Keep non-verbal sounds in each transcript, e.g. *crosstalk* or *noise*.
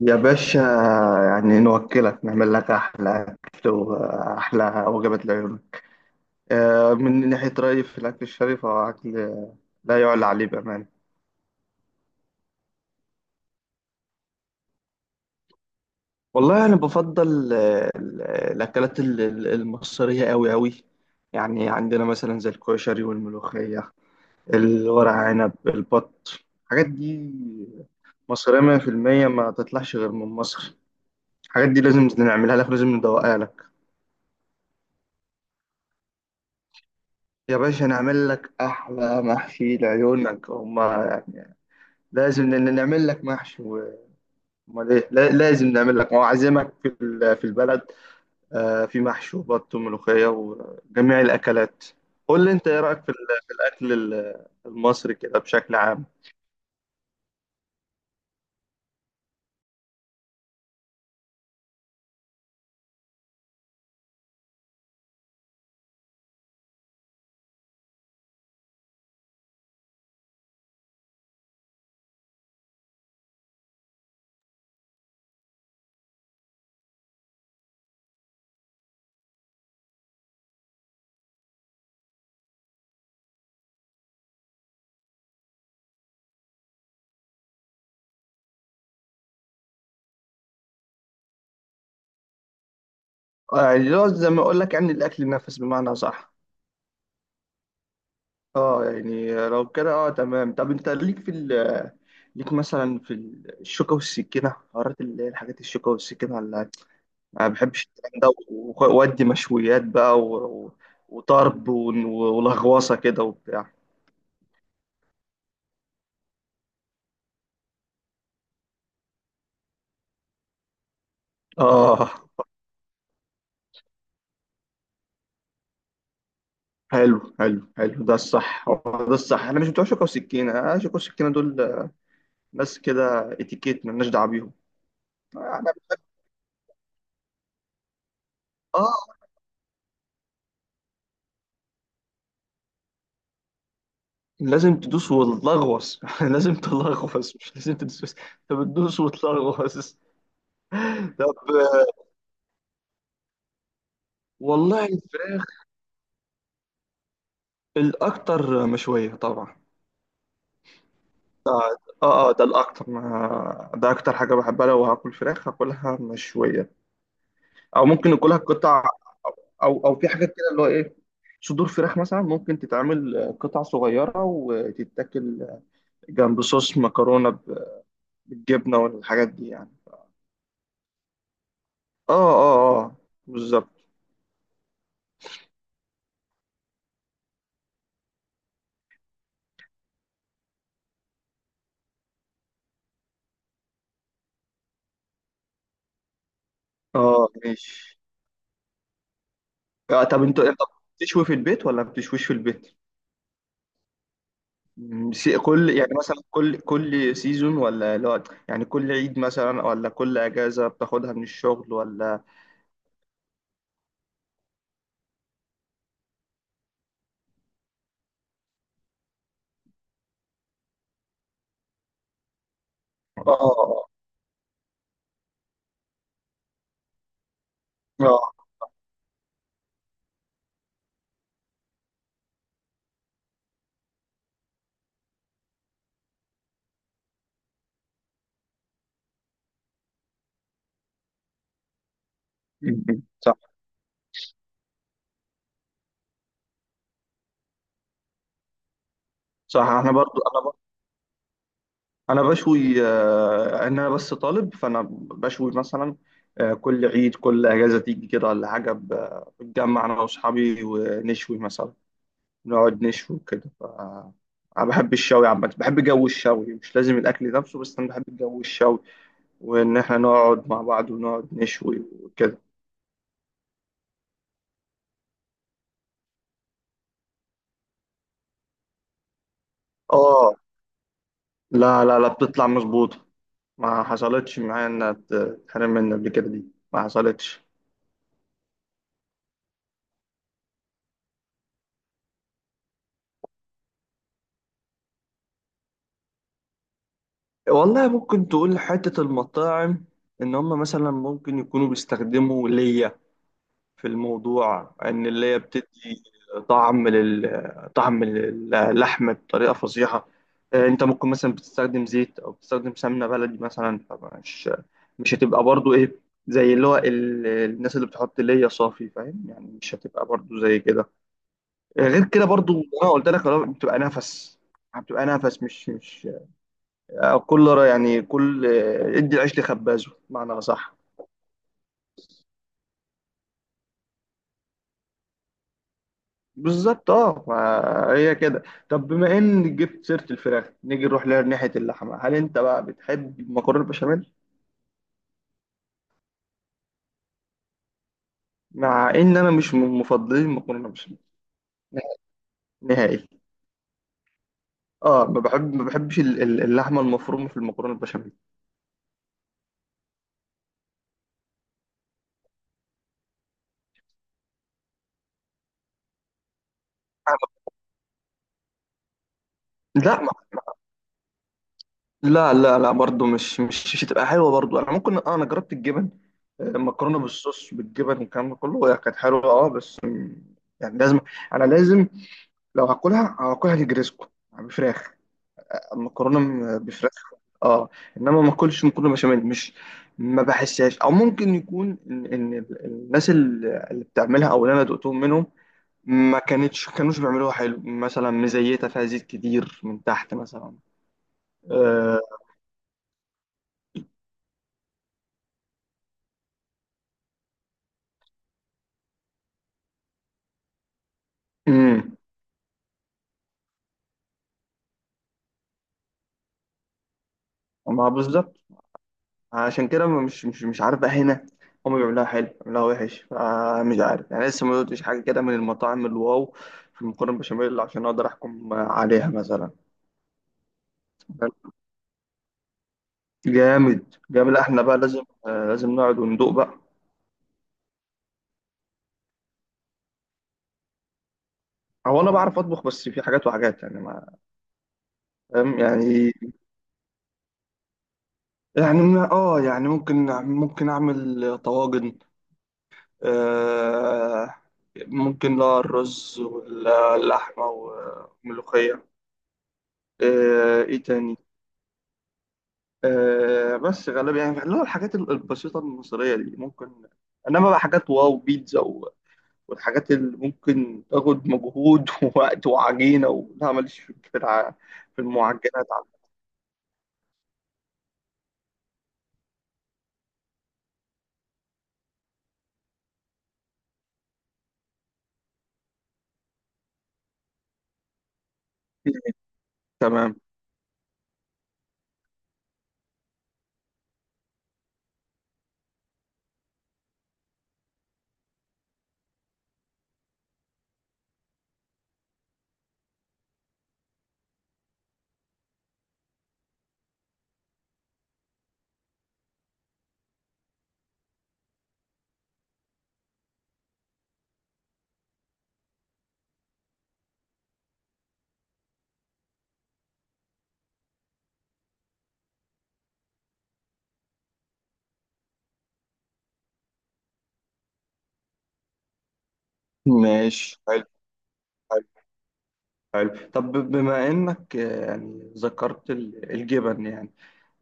يا باشا، يعني نوكلك، نعمل لك أحلى أكل وأحلى وجبات العيون. من ناحية رأيي في الأكل الشرقي، فهو أكل لا يعلى عليه بأمانة. والله أنا بفضل الأكلات المصرية أوي أوي. يعني عندنا مثلا زي الكشري والملوخية، الورق عنب، البط، الحاجات دي مصرية 100% ما تطلعش غير من مصر. الحاجات دي لازم نعملها لك، لازم ندوقها لك. يا باشا، نعمل لك أحلى محشي لعيونك هما، يعني لازم نعمل لك محشي أمال إيه، لازم نعمل لك وأعزمك في البلد. في محشي وبط وملوخية وجميع الأكلات. قول لي أنت، إيه رأيك في الأكل المصري كده بشكل عام؟ يعني لو زي ما أقول لك، يعني الأكل نفس بمعنى صح. أه، يعني لو كده أه تمام. طب أنت ليك ليك مثلا في الشوكة والسكينة، حوارات اللي هي الحاجات الشوكة والسكينة. انا ما بحبش الكلام ده، وادي مشويات بقى وطرب ولغوصه كده وبتاع. اه، حلو حلو حلو، ده الصح، هو ده الصح. احنا مش بتوع شوكه وسكينه، شوكه وسكينه دول ناس كده اتيكيت، مالناش دعوه بيهم. احنا، اه، لازم تدوس وتلغوص *laughs* لازم تلغوص، مش لازم تدوس، بس انت بتدوس وتلغوص. طب، والله الفراخ الاكتر مشويه طبعا. اه اه، ده الاكتر، ما ده اكتر حاجه بحبها. لو هاكل فراخ هاكلها مشويه، او ممكن اكلها قطع. او في حاجات كده اللي هو ايه، صدور فراخ مثلا ممكن تتعمل قطع صغيره وتتاكل جنب صوص مكرونه بالجبنه والحاجات دي يعني. اه اه اه، بالظبط، اه، ماشي. طب، انت بتشوي في البيت ولا ما بتشويش في البيت؟ كل، يعني مثلا كل سيزون ولا لا؟ يعني كل عيد مثلا، ولا كل اجازه بتاخدها من الشغل، ولا؟ اه اه، م-م. صح. صح، احنا برضو انا انا بشوي، انا بس طالب، فانا بشوي مثلا. كل عيد، كل اجازه تيجي كده ولا حاجه، بتجمع انا واصحابي ونشوي مثلا. نقعد نشوي كده انا بحب الشوي عامه، بحب جو الشوي مش لازم الاكل نفسه، بس انا بحب جو الشوي، وان احنا نقعد مع بعض ونقعد نشوي وكده. اه، لا لا لا، بتطلع مظبوطه. ما حصلتش معايا انها تتحرم مني قبل كده دي، ما حصلتش. والله، ممكن تقول حتة المطاعم، إن هم مثلا ممكن يكونوا بيستخدموا ليا في الموضوع، إن الليا بتدي طعم، طعم للحم بطريقة فظيعة. أنت ممكن مثلا بتستخدم زيت أو بتستخدم سمنة بلدي مثلا، مش هتبقى برضو إيه، زي اللي هو الناس اللي بتحط ليا صافي، فاهم يعني، مش هتبقى برضو زي كده. غير كده برضو أنا قلت لك، بتبقى نفس. مش مش كل را- يعني كل ادي العيش لخبازه بمعنى صح. بالظبط، اه، ما هي كده. طب بما ان جبت سيره الفراخ، نيجي نروح لها ناحيه اللحمه، هل انت بقى بتحب المكرونه البشاميل؟ مع ان انا مش من مفضلين المكرونه البشاميل نهائي. اه، ما بحبش اللحمه المفرومه في المكرونه البشاميل. لا، لا لا لا، برضه مش هتبقى حلوه برضه. انا ممكن، انا جربت الجبن، مكرونه بالصوص بالجبن والكلام ده كله، هي كانت حلوه اه، بس يعني لازم، انا لازم، لو هاكلها هاكلها نجريسكو بفراخ، مكرونه بفراخ. اه، انما ما اكلش مكرونه بشاميل، مش ما بحسهاش. او ممكن يكون إن الناس اللي بتعملها، او اللي انا دقتهم منهم، ما كانتش كانوش بيعملوها حلو مثلا، مزيته، فيها زيت كتير من تحت مثلا. آه، امم ما بالظبط، عشان كده مش عارف بقى هنا، هم بيعملوها حلو بيعملوها وحش. مش عارف يعني، لسه ما دوتش حاجه كده من المطاعم الواو في المكرونه بشاميل، عشان اقدر احكم عليها مثلا. جامد جامد. لا، احنا بقى لازم، نقعد وندوق بقى. هو انا بعرف اطبخ، بس في حاجات وحاجات يعني، ما، فاهم يعني. يعني ممكن، اعمل طواجن. آه ممكن، لا، الرز واللحمه والملوخيه. ايه تاني؟ بس غالبا يعني، اللي هو الحاجات البسيطة المصرية دي ممكن. إنما بقى حاجات واو، بيتزا والحاجات اللي ممكن تاخد مجهود *laughs* ووقت وعجينة لا، ماليش في المعجنات على الكتير. تمام، ماشي، حلو، حلو حلو. طب بما إنك يعني ذكرت الجبن، يعني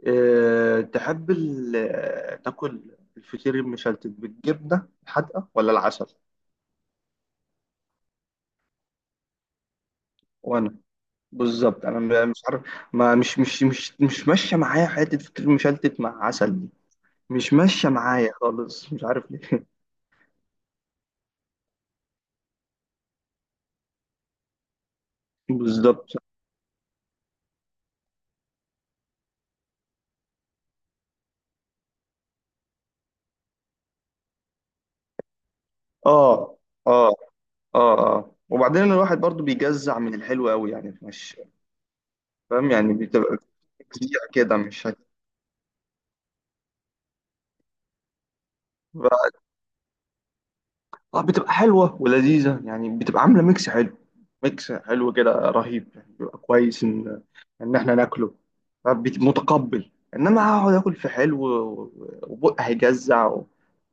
أه، تحب تاكل الفطير المشلتت بالجبنة الحادقة ولا العسل؟ وأنا بالظبط، انا مش عارف. ما مش ماشيه معايا حته فطير مشلتت مع عسل دي، مش ماشيه معايا خالص، مش عارف ليه. *laughs* بالظبط. اه اه اه اه، وبعدين الواحد برضو بيجزع من الحلو قوي، يعني مش، فاهم يعني، بتبقى تجزيع كده، مش. اه، بتبقى حلوة ولذيذة يعني، بتبقى عاملة ميكس حلو، ميكس حلو كده رهيب، يعني بيبقى كويس ان احنا ناكله. متقبل، انما هقعد اكل في حلو وبقى هيجزع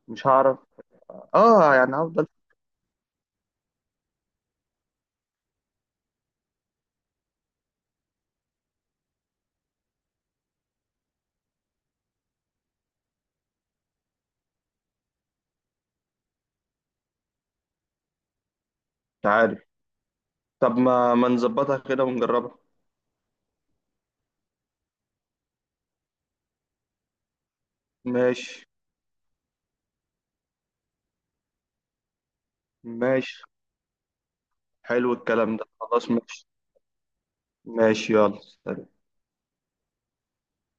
ومش هعرف، اه يعني هفضل. مش عارف، طب ما نظبطها كده ونجربها. ماشي، ماشي، حلو الكلام ده، خلاص، ماشي، ماشي، يلا سلام.